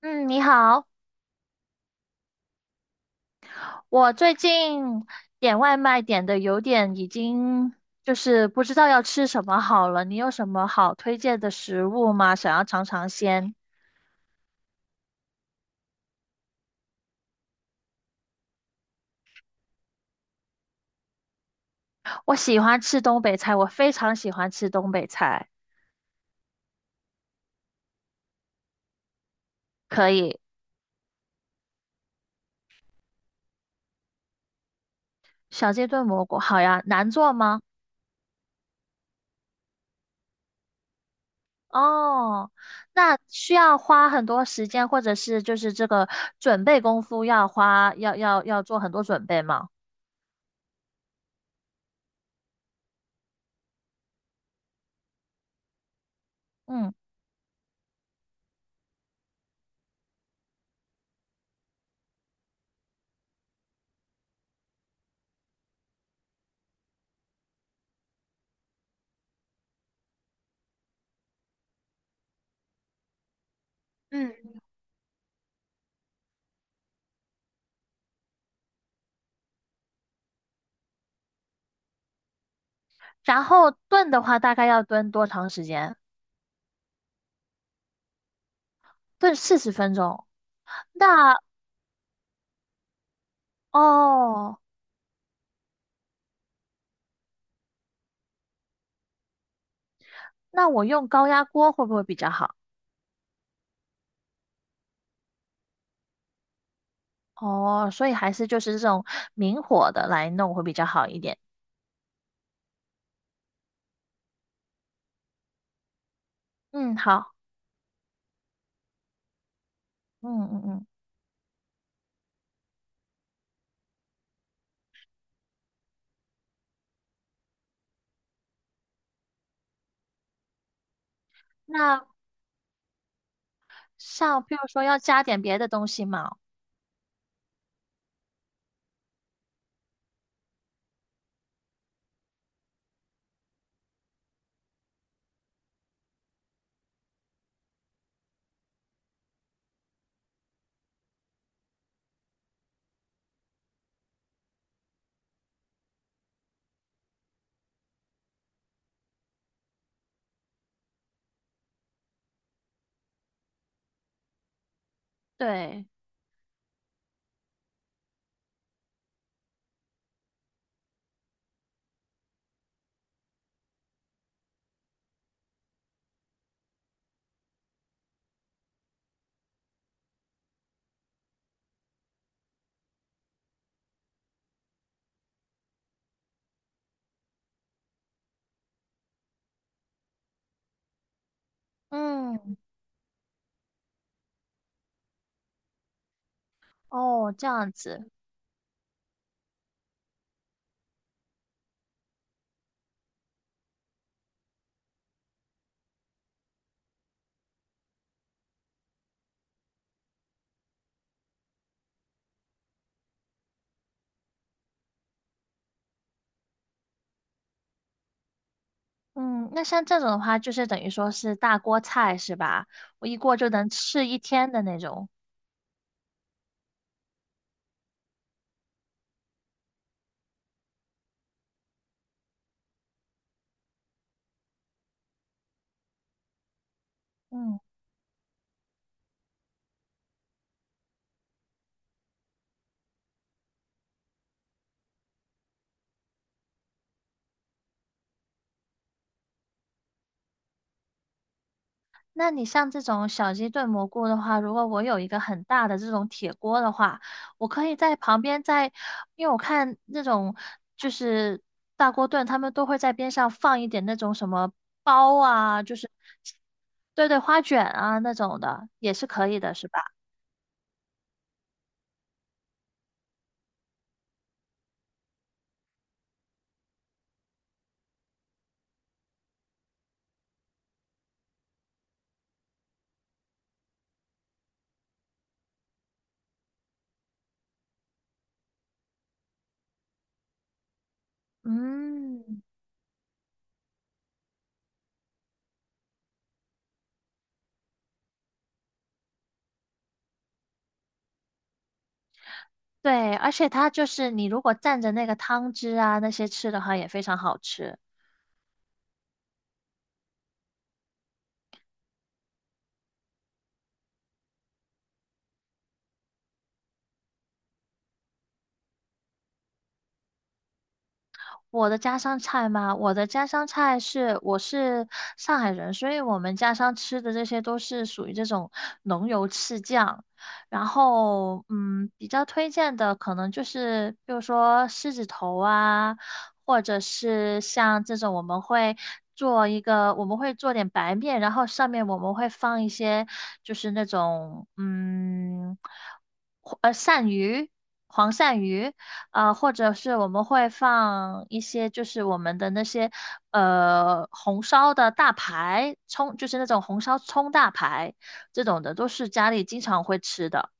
嗯，你好。我最近点外卖点的有点已经不知道要吃什么好了。你有什么好推荐的食物吗？想要尝尝鲜。我喜欢吃东北菜，我非常喜欢吃东北菜。可以。小鸡炖蘑菇，好呀，难做吗？哦，那需要花很多时间，或者是这个准备功夫要花，要做很多准备吗？嗯。嗯，然后炖的话大概要炖多长时间？炖40分钟。那哦，那我用高压锅会不会比较好？哦，所以还是这种明火的来弄会比较好一点。嗯，好。嗯。那像譬如说要加点别的东西嘛？对。嗯。哦，这样子。嗯。那像这种的话，就是等于说是大锅菜是吧？我一锅就能吃一天的那种。嗯。那你像这种小鸡炖蘑菇的话，如果我有一个很大的这种铁锅的话，我可以在旁边在，因为我看那种就是大锅炖，他们都会在边上放一点那种什么包啊，对对花卷啊那种的，也是可以的，是吧？嗯，对，而且它你如果蘸着那个汤汁啊那些吃的话，也非常好吃。我的家乡菜吗？我的家乡菜是，我是上海人，所以我们家乡吃的这些都是属于这种浓油赤酱。然后，嗯，比较推荐的可能就是，比如说狮子头啊，或者是像这种我们会做一个，我们会做点白面，然后上面我们会放一些那种，嗯，鳝鱼，黄鳝鱼。啊，或者是我们会放一些我们的那些红烧的大排，葱，就是那种红烧葱大排这种的，都是家里经常会吃的。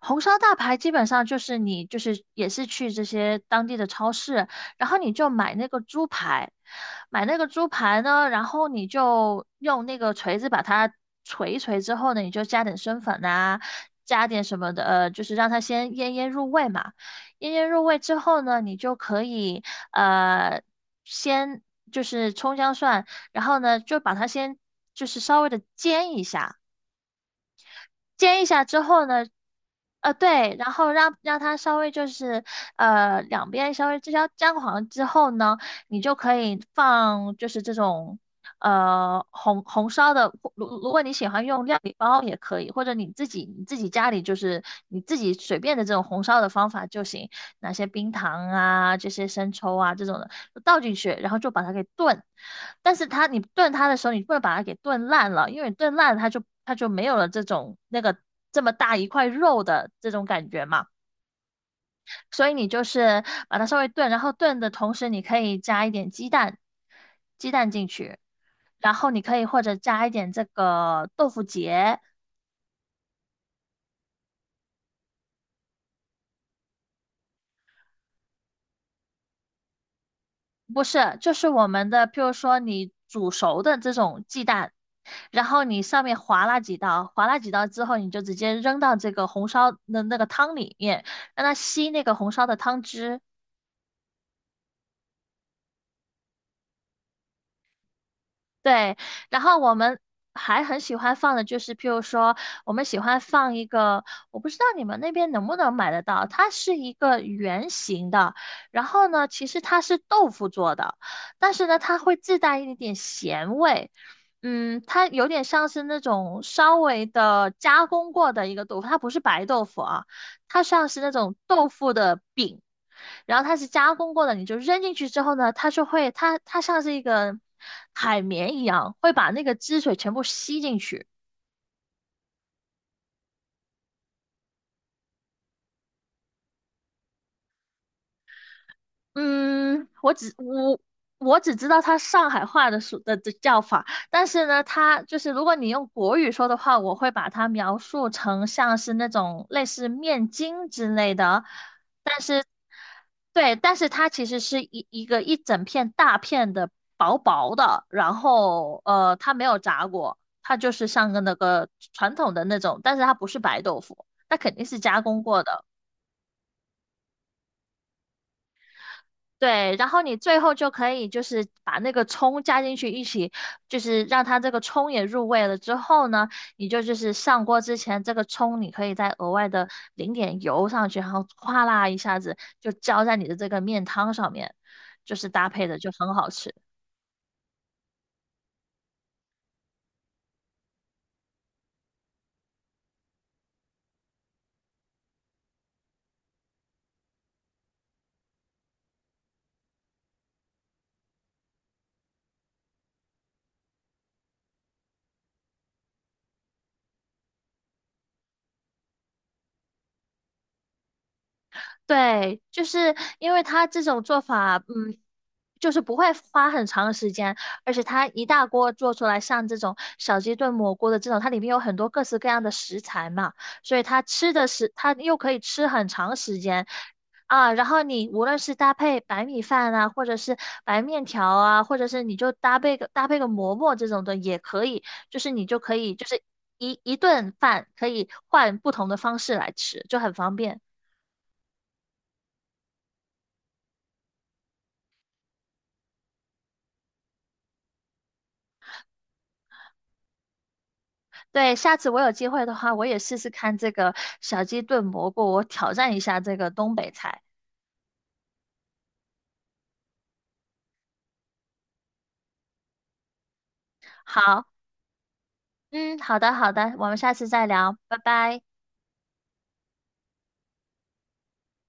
红烧大排基本上就是你就是也是去这些当地的超市，然后你就买那个猪排，买那个猪排呢，然后你就用那个锤子把它锤一锤之后呢，你就加点生粉呐、加点什么的，就是让它先腌腌入味嘛。腌腌入味之后呢，你就可以呃先葱姜蒜，然后呢就把它先稍微的煎一下。煎一下之后呢，对，然后让它稍微两边稍微至少沾黄之后呢，你就可以放这种红烧的，如果你喜欢用料理包也可以，或者你自己家里你自己随便的这种红烧的方法就行。哪些冰糖啊，这些生抽啊这种的倒进去，然后就把它给炖。但是它你炖它的时候，你不能把它给炖烂了，因为你炖烂了它就没有了这种那个这么大一块肉的这种感觉嘛。所以你把它稍微炖，然后炖的同时，你可以加一点鸡蛋，鸡蛋进去，然后你可以或者加一点这个豆腐结。不是，我们的，譬如说你煮熟的这种鸡蛋，然后你上面划拉几刀，划拉几刀之后，你就直接扔到这个红烧的那个汤里面，让它吸那个红烧的汤汁，对。然后我们还很喜欢放的就是，譬如说，我们喜欢放一个，我不知道你们那边能不能买得到，它是一个圆形的，然后呢，其实它是豆腐做的，但是呢，它会自带一点咸味。嗯，它有点像是那种稍微的加工过的一个豆腐，它不是白豆腐啊，它像是那种豆腐的饼。然后它是加工过的，你就扔进去之后呢，它就会，它像是一个海绵一样，会把那个汁水全部吸进去。嗯，我只知道它上海话的说的叫法，但是呢，它如果你用国语说的话，我会把它描述成像是那种类似面筋之类的，对。但是它其实是一个一整片大片的薄薄的，然后它没有炸过，它就是像个那个传统的那种，但是它不是白豆腐，它肯定是加工过的。对，然后你最后就可以把那个葱加进去一起，让它这个葱也入味了之后呢，你就是上锅之前，这个葱你可以再额外的淋点油上去，然后哗啦一下子就浇在你的这个面汤上面，就是搭配的就很好吃。对，就是因为他这种做法，嗯，不会花很长的时间，而且它一大锅做出来，像这种小鸡炖蘑菇的这种，它里面有很多各式各样的食材嘛，所以它吃的是，它又可以吃很长时间啊。然后你无论是搭配白米饭啊，或者是白面条啊，或者是你就搭配个馍馍这种的也可以，就是一顿饭可以换不同的方式来吃，就很方便。对，下次我有机会的话，我也试试看这个小鸡炖蘑菇，我挑战一下这个东北菜。好，嗯，好的，好的，我们下次再聊，拜拜。